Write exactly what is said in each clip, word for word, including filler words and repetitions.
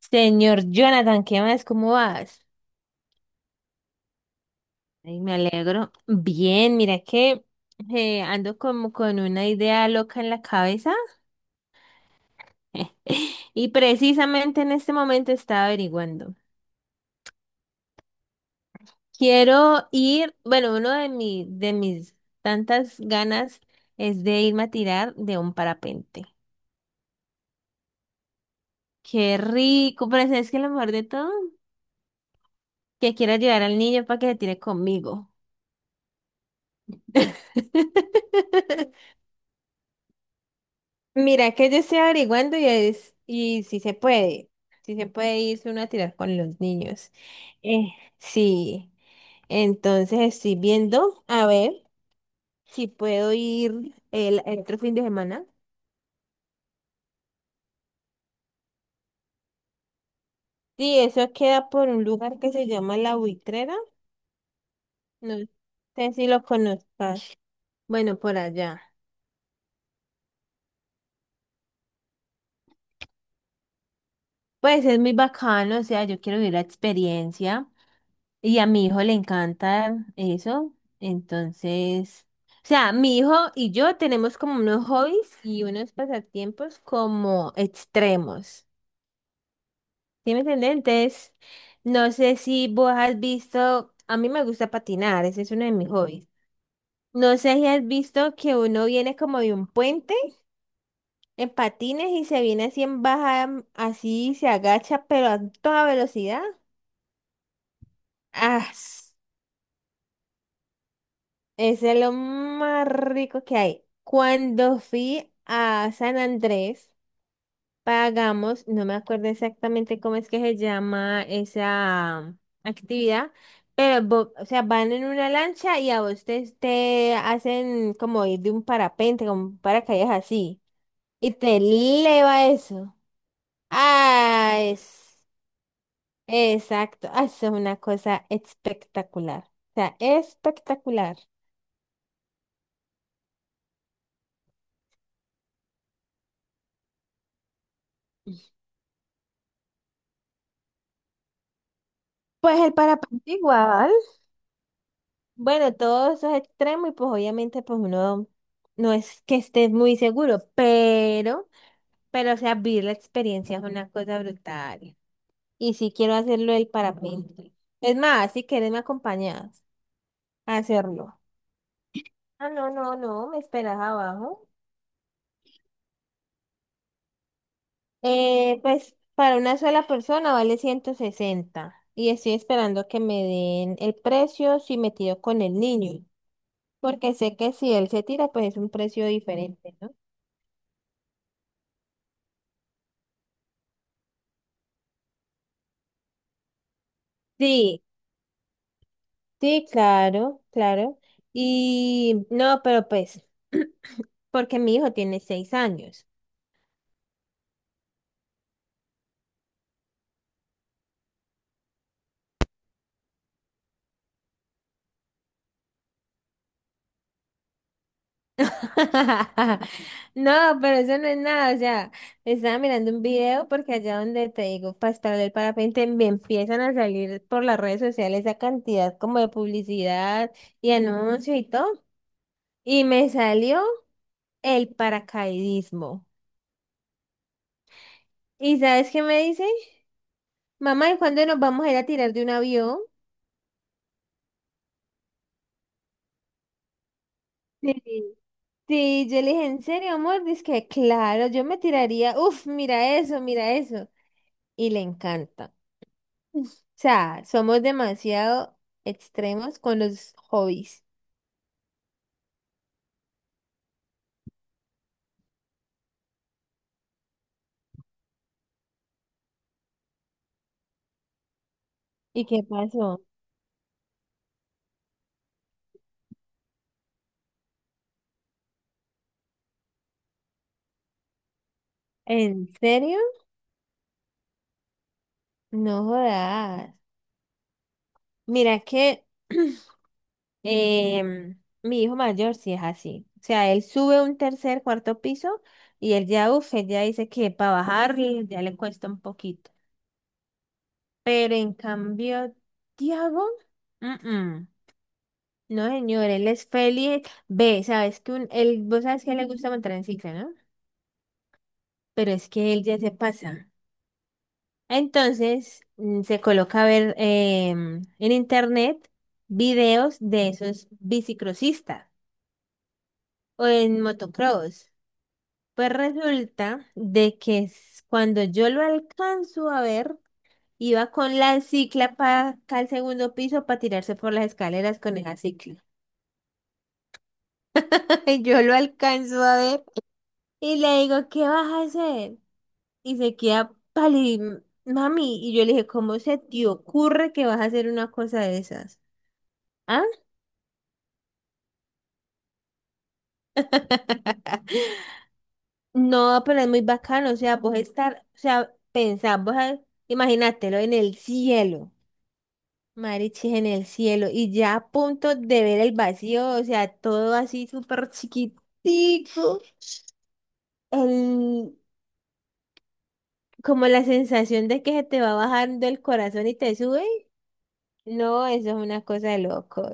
Señor Jonathan, ¿qué más? ¿Cómo vas? Ay, me alegro. Bien, mira que eh, ando como con una idea loca en la cabeza y precisamente en este momento estaba averiguando. Quiero ir, bueno, uno de mi, de mis tantas ganas es de irme a tirar de un parapente. Qué rico, pero ¿sabes que lo mejor de todo? Que quiero llevar al niño para que se tire conmigo. Mira que yo estoy averiguando y es, y si se puede, si se puede irse uno a tirar con los niños. Eh, sí, entonces estoy viendo a ver si puedo ir el, el otro fin de semana. Sí, eso queda por un lugar que se llama La Buitrera. No sé si lo conozcas. Bueno, por allá. Pues es muy bacano, o sea, yo quiero vivir la experiencia. Y a mi hijo le encanta eso. Entonces, o sea, mi hijo y yo tenemos como unos hobbies y unos pasatiempos como extremos. ¿Sí me entiendes? Entonces, no sé si vos has visto, a mí me gusta patinar, ese es uno de mis hobbies. No sé si has visto que uno viene como de un puente en patines y se viene así en baja, así se agacha, pero a toda velocidad. Ah. Ese es lo más rico que hay. Cuando fui a San Andrés, pagamos, no me acuerdo exactamente cómo es que se llama esa actividad, pero, vo- o sea, van en una lancha y a vos te, te hacen como ir de un parapente, como un paracaídas así, y te eleva eso. Ah, es, exacto, ah, eso es una cosa espectacular. O sea, espectacular. Pues el parapente igual. Bueno, todos esos extremos y pues obviamente pues uno no es que esté muy seguro, pero, pero o sea, vivir la experiencia es una cosa brutal. Y sí quiero hacerlo el parapente. Es más, si quieres me acompañas a hacerlo. Ah, no, no, no, me esperas abajo. Eh, pues para una sola persona vale ciento sesenta y estoy esperando que me den el precio si me tiro con el niño, porque sé que si él se tira pues es un precio diferente, ¿no? Sí, sí, claro, claro. Y no, pero pues, porque mi hijo tiene seis años. No, pero eso no es nada. O sea, estaba mirando un video porque allá donde te digo, para estar del parapente, me empiezan a salir por las redes sociales esa cantidad como de publicidad y anuncios y todo. Y me salió el paracaidismo. ¿Y sabes qué me dice? Mamá, ¿y cuándo nos vamos a ir a tirar de un avión? Sí. Sí, yo le dije, ¿en serio, amor? Dice que claro, yo me tiraría, uff, mira eso, mira eso. Y le encanta. O sea, somos demasiado extremos con los hobbies. ¿Y qué pasó? ¿En serio? No jodas. Mira que em, mi hijo mayor sí es así. O sea, él sube un tercer, cuarto piso y él ya, uff, él ya dice que para bajarle ya le cuesta un poquito. Pero en cambio, Tiago, mm, mm. No, señor, él es feliz. Ve, sabes que un, él, vos sabes que a él le gusta montar en cicla, ¿no? Pero es que él ya se pasa. Entonces, mm, se coloca a ver em, en internet videos de esos bicicrosistas o en motocross. Pues resulta de que s- cuando yo lo alcanzo a ver, iba con la cicla para acá al segundo piso para tirarse por las escaleras con esa cicla. Yo lo alcanzo a ver y le digo, ¿qué vas a hacer? Y se queda pálido, mami. Y yo le dije, ¿cómo se te ocurre que vas a hacer una cosa de esas? ¿Ah? No, pero es muy bacano, o sea, vos estar, o sea, pensar, vos, a- imagínatelo en el cielo, marichis en el cielo, y ya a punto de ver el vacío, o sea, todo así súper chiquitico, el, como la sensación de que se te va bajando el corazón y te sube, no, eso es una cosa de locos.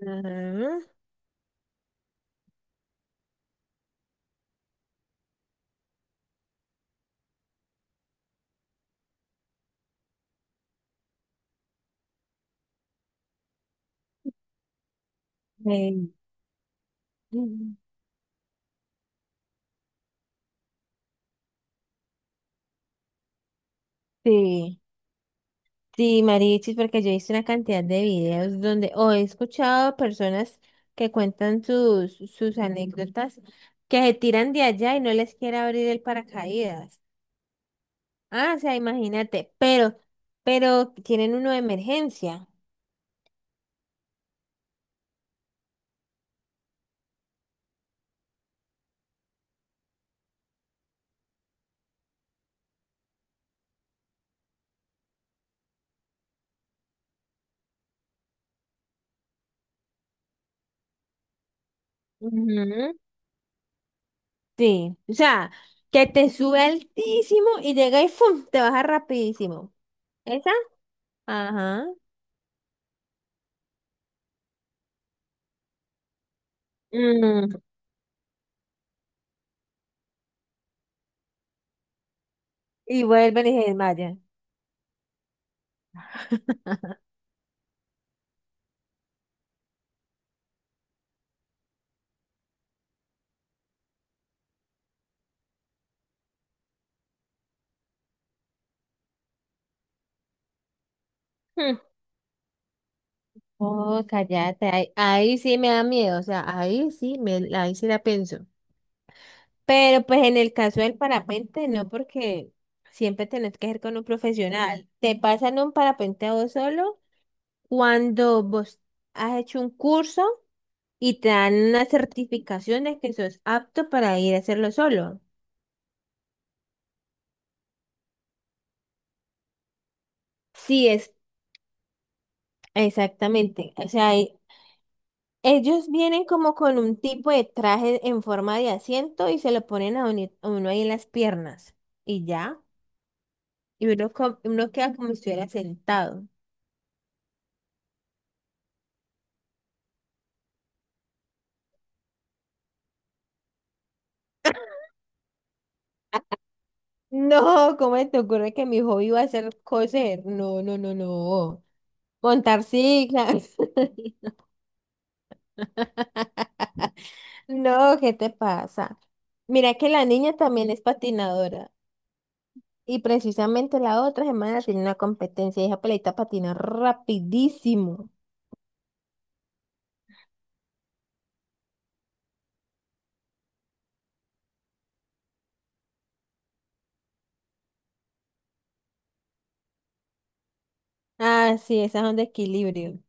Ajá. Eh, sí, sí, Marichis, porque yo he visto una cantidad de videos donde o he escuchado personas que cuentan sus, sus anécdotas que se tiran de allá y no les quiere abrir el paracaídas. Ah, o sea, imagínate, pero, pero tienen uno de emergencia. Ujú. Sí, o sea, que te sube altísimo y llega y ¡fum! Te baja rapidísimo. ¿Esa? Ajá. Mm. Y vuelven y se desmayan. Oh, cállate, ahí, ahí sí me da miedo, o sea, ahí sí me, ahí sí la pienso. Pero pues en el caso del parapente, no, porque siempre tenés que ir con un profesional. Te pasan un parapente a vos solo cuando vos has hecho un curso y te dan una certificación de que sos apto para ir a hacerlo solo. Sí, es exactamente. O sea, ellos vienen como con un tipo de traje en forma de asiento y se lo ponen a, uni- a uno ahí en las piernas. Y ya. Y uno, co- uno queda como si estuviera sentado. No, ¿cómo te ocurre que mi hobby va a ser coser? No, no, no, no. Montar ciclas. No, ¿qué te pasa? Mira que la niña también es patinadora. Y precisamente la otra semana tiene una competencia y esa pelita patina rapidísimo. Ah, sí, esas son de equilibrio.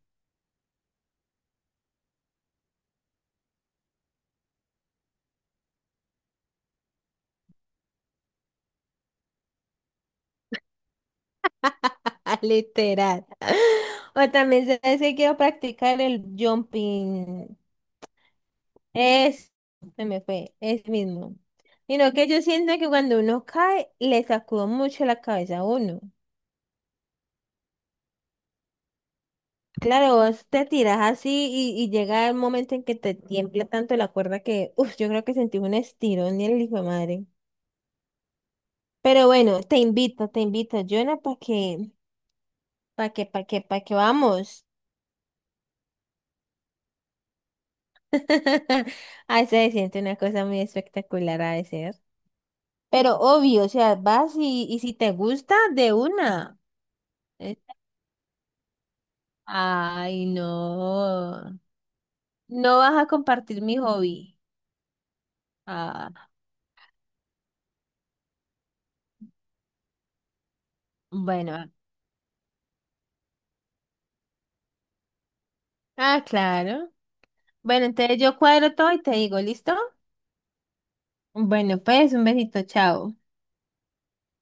Literal. O también sabes que quiero practicar el jumping. Es, se me fue, es mismo. Sino que yo siento que cuando uno cae, le sacudo mucho la cabeza a uno. Claro, vos te tiras así y, y llega el momento en que te tiembla tanto la cuerda que, uff, yo creo que sentí un estirón y el hijo de madre. Pero bueno, te invito, te invito, Jonah, para que, para que, para que, para que vamos. Ahí se siente una cosa muy espectacular a veces. Pero obvio, o sea, vas y, y si te gusta, de una. Es- Ay, no. No vas a compartir mi hobby. Ah, bueno. Ah, claro. Bueno, entonces yo cuadro todo y te digo, ¿listo? Bueno, pues un besito, chao.